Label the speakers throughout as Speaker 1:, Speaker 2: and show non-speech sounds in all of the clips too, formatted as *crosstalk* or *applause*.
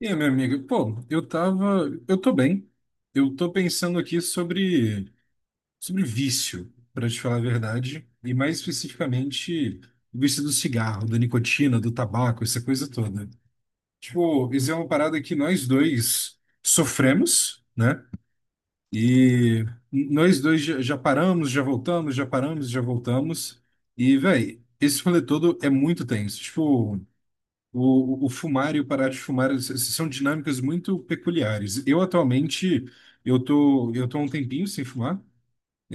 Speaker 1: E aí, meu amigo, pô, eu tô bem. Eu tô pensando aqui sobre vício, pra te falar a verdade, e mais especificamente o vício do cigarro, da nicotina, do tabaco, essa coisa toda. Tipo, isso é uma parada que nós dois sofremos, né? E nós dois já paramos, já voltamos, já paramos, já voltamos. E, véi, esse rolê todo é muito tenso. Tipo, o fumar e o parar de fumar são dinâmicas muito peculiares. Eu atualmente, eu tô há um tempinho sem fumar,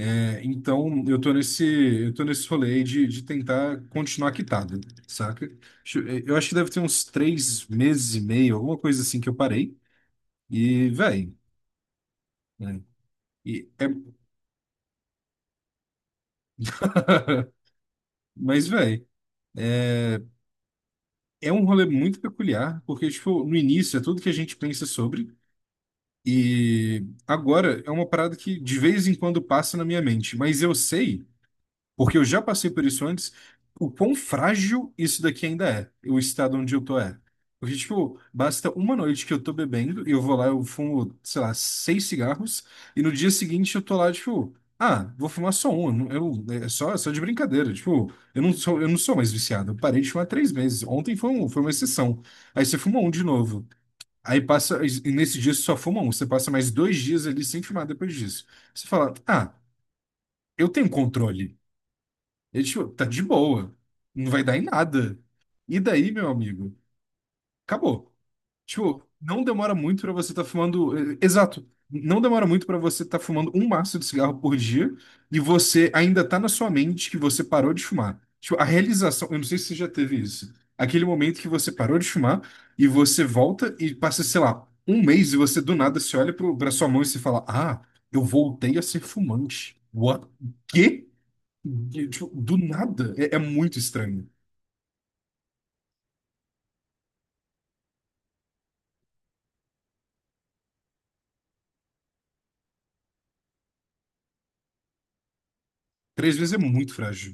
Speaker 1: então eu tô nesse rolê aí de tentar continuar quitado, saca? Eu acho que deve ter uns 3 meses e meio, alguma coisa assim que eu parei. E, véi, né? E é. *laughs* Mas, véi, é um rolê muito peculiar, porque, tipo, no início é tudo que a gente pensa sobre. E agora é uma parada que de vez em quando passa na minha mente, mas eu sei, porque eu já passei por isso antes, o quão frágil isso daqui ainda é, o estado onde eu tô é. Porque, tipo, basta uma noite que eu tô bebendo e eu vou lá, eu fumo, sei lá, seis cigarros, e no dia seguinte eu tô lá, tipo, ah, vou fumar só um, é só de brincadeira, tipo, eu não sou mais viciado, eu parei de fumar há 3 meses, ontem foi uma exceção. Aí você fuma um de novo. Aí passa, e nesse dia você só fuma um, você passa mais 2 dias ali sem fumar depois disso. Você fala, ah, eu tenho controle. Ele tipo, tá de boa, não vai dar em nada. E daí, meu amigo, acabou. Tipo, não demora muito pra você estar fumando. Exato. Não demora muito pra você estar fumando um maço de cigarro por dia e você ainda tá na sua mente que você parou de fumar. Tipo, a realização. Eu não sei se você já teve isso. Aquele momento que você parou de fumar e você volta e passa, sei lá, um mês e você do nada se olha pra sua mão e se fala: Ah, eu voltei a ser fumante. What? Quê? E, tipo, do nada. É muito estranho. Três vezes é muito frágil.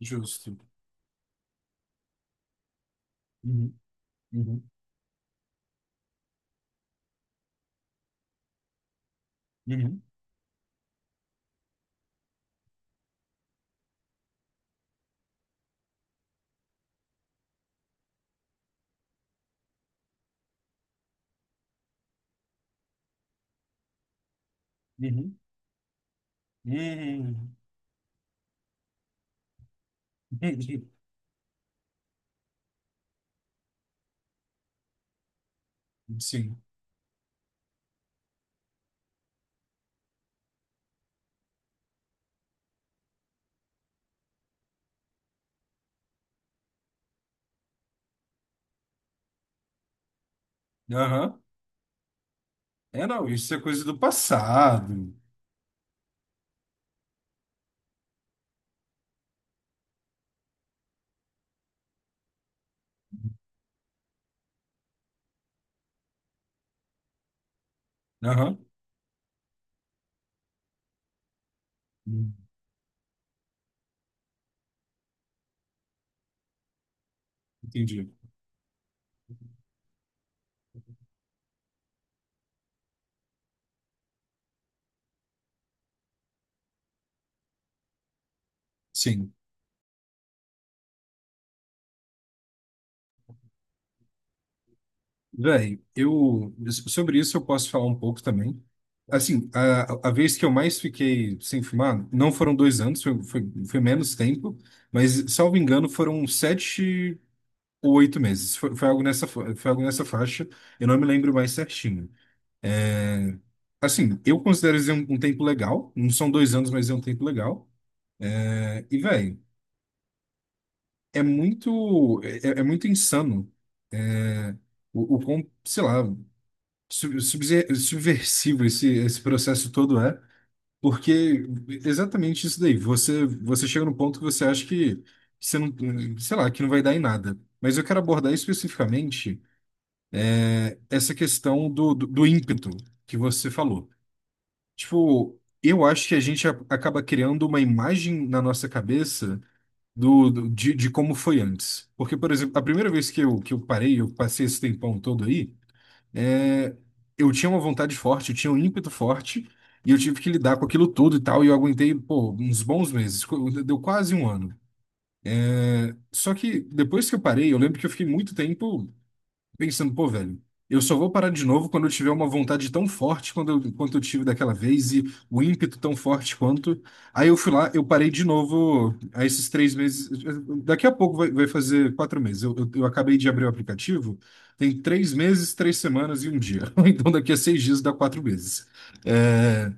Speaker 1: Justo. Uhum, uhum, uhum. Uhum. Uhum. Entendi. Sim. Aham. É, não, isso é coisa do passado. Aham. Hum. Entendi. Sim. Véi, eu sobre isso eu posso falar um pouco também. Assim, a vez que eu mais fiquei sem fumar, não foram 2 anos, foi menos tempo, mas, salvo engano, foram 7 ou 8 meses. Foi algo nessa faixa, eu não me lembro mais certinho. Assim, eu considero isso um tempo legal. Não são 2 anos, mas é um tempo legal. É, e, velho, é muito, é, é é muito insano é, o quão, sei lá, subversivo esse processo todo é, porque exatamente isso daí. Você chega no ponto que você acha que você não, sei lá, que não vai dar em nada. Mas eu quero abordar especificamente essa questão do ímpeto que você falou. Tipo, eu acho que a gente acaba criando uma imagem na nossa cabeça de como foi antes. Porque, por exemplo, a primeira vez que eu parei, eu passei esse tempão todo aí, é, eu tinha uma vontade forte, eu tinha um ímpeto forte, e eu tive que lidar com aquilo tudo e tal, e eu aguentei, pô, uns bons meses, deu quase um ano. Só que depois que eu parei, eu lembro que eu fiquei muito tempo pensando, pô, velho, eu só vou parar de novo quando eu tiver uma vontade tão forte quanto eu tive daquela vez e o ímpeto tão forte quanto. Aí eu fui lá, eu parei de novo a esses 3 meses. Daqui a pouco vai fazer 4 meses. Eu acabei de abrir o aplicativo, tem 3 meses, 3 semanas e um dia. *laughs* Então daqui a 6 dias dá 4 meses. É,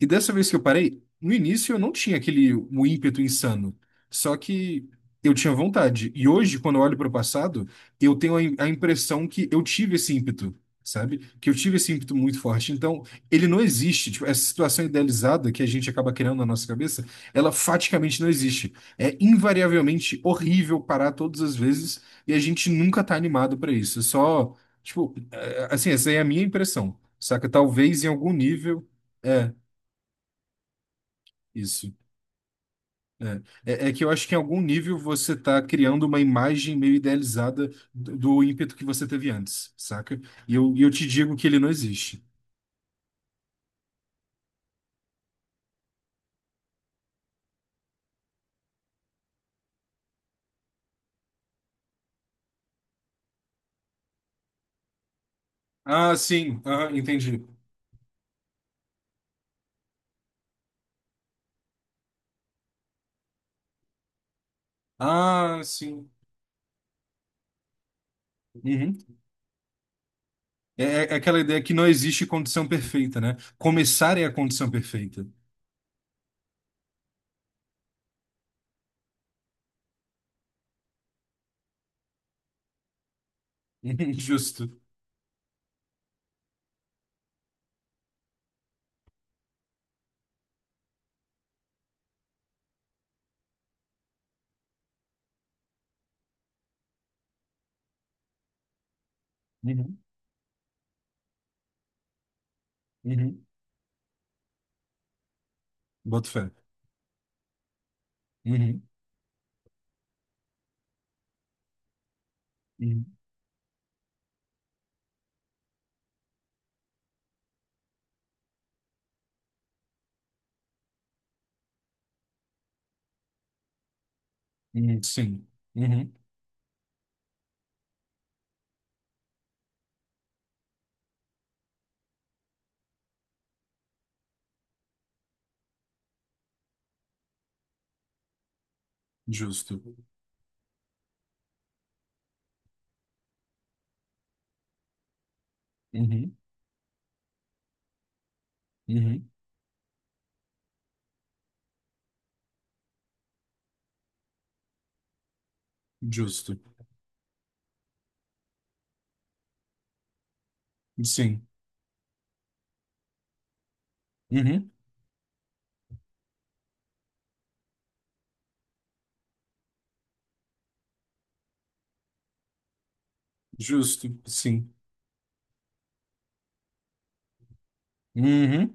Speaker 1: e dessa vez que eu parei, no início eu não tinha aquele um ímpeto insano. Só que eu tinha vontade. E hoje, quando eu olho para o passado, eu tenho a impressão que eu tive esse ímpeto, sabe? Que eu tive esse ímpeto muito forte. Então, ele não existe. Tipo, essa situação idealizada que a gente acaba criando na nossa cabeça, ela faticamente não existe. É invariavelmente horrível parar todas as vezes e a gente nunca tá animado para isso. É só, tipo, assim, essa aí é a minha impressão, saca? Talvez em algum nível. É, isso. É. É, é que eu acho que em algum nível você está criando uma imagem meio idealizada do ímpeto que você teve antes, saca? E eu te digo que ele não existe. Ah, sim, ah, entendi. Ah, sim. Uhum. É aquela ideia que não existe condição perfeita, né? Começar é a condição perfeita. *laughs* Justo. Uhum. Uhum. Boto fé. Uhum. Uhum. Uhum. Sim. Uhum. Justo. Uhum. Uhum. Justo. Sim. Uhum. Justo. Sim. Uhum,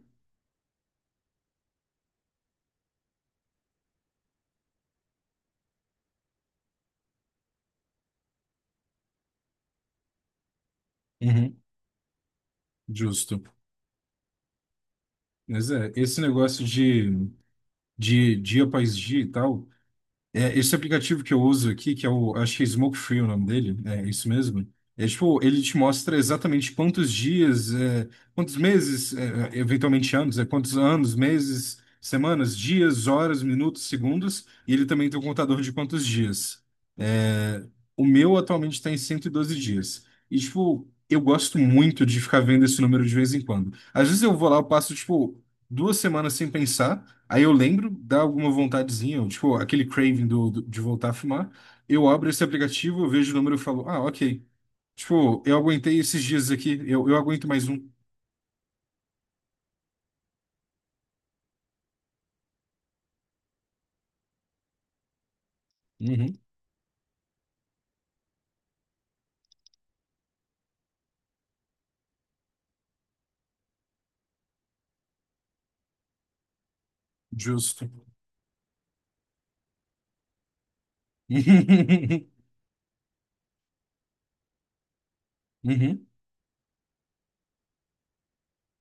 Speaker 1: uhum, justo. Mas esse negócio de dia após dia e tal, é, esse aplicativo que eu uso aqui, que é acho que é Smoke Free o nome dele, é isso mesmo. É tipo, ele te mostra exatamente quantos dias, quantos meses, eventualmente anos, quantos anos, meses, semanas, dias, horas, minutos, segundos, e ele também tem um contador de quantos dias. É, o meu atualmente está em 112 dias. E tipo, eu gosto muito de ficar vendo esse número de vez em quando. Às vezes eu vou lá, eu passo tipo 2 semanas sem pensar. Aí eu lembro, dá alguma vontadezinha, tipo, aquele craving de voltar a fumar. Eu abro esse aplicativo, eu vejo o número e falo, ah, ok. Tipo, eu aguentei esses dias aqui, eu aguento mais um. Uhum, justo. *laughs* Uhum,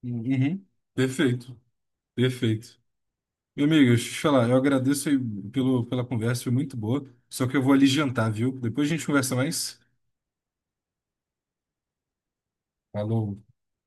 Speaker 1: uhum. Perfeito, perfeito. Meu amigo, deixa eu te falar, eu agradeço aí pela conversa, foi muito boa. Só que eu vou ali jantar, viu? Depois a gente conversa mais. Falou.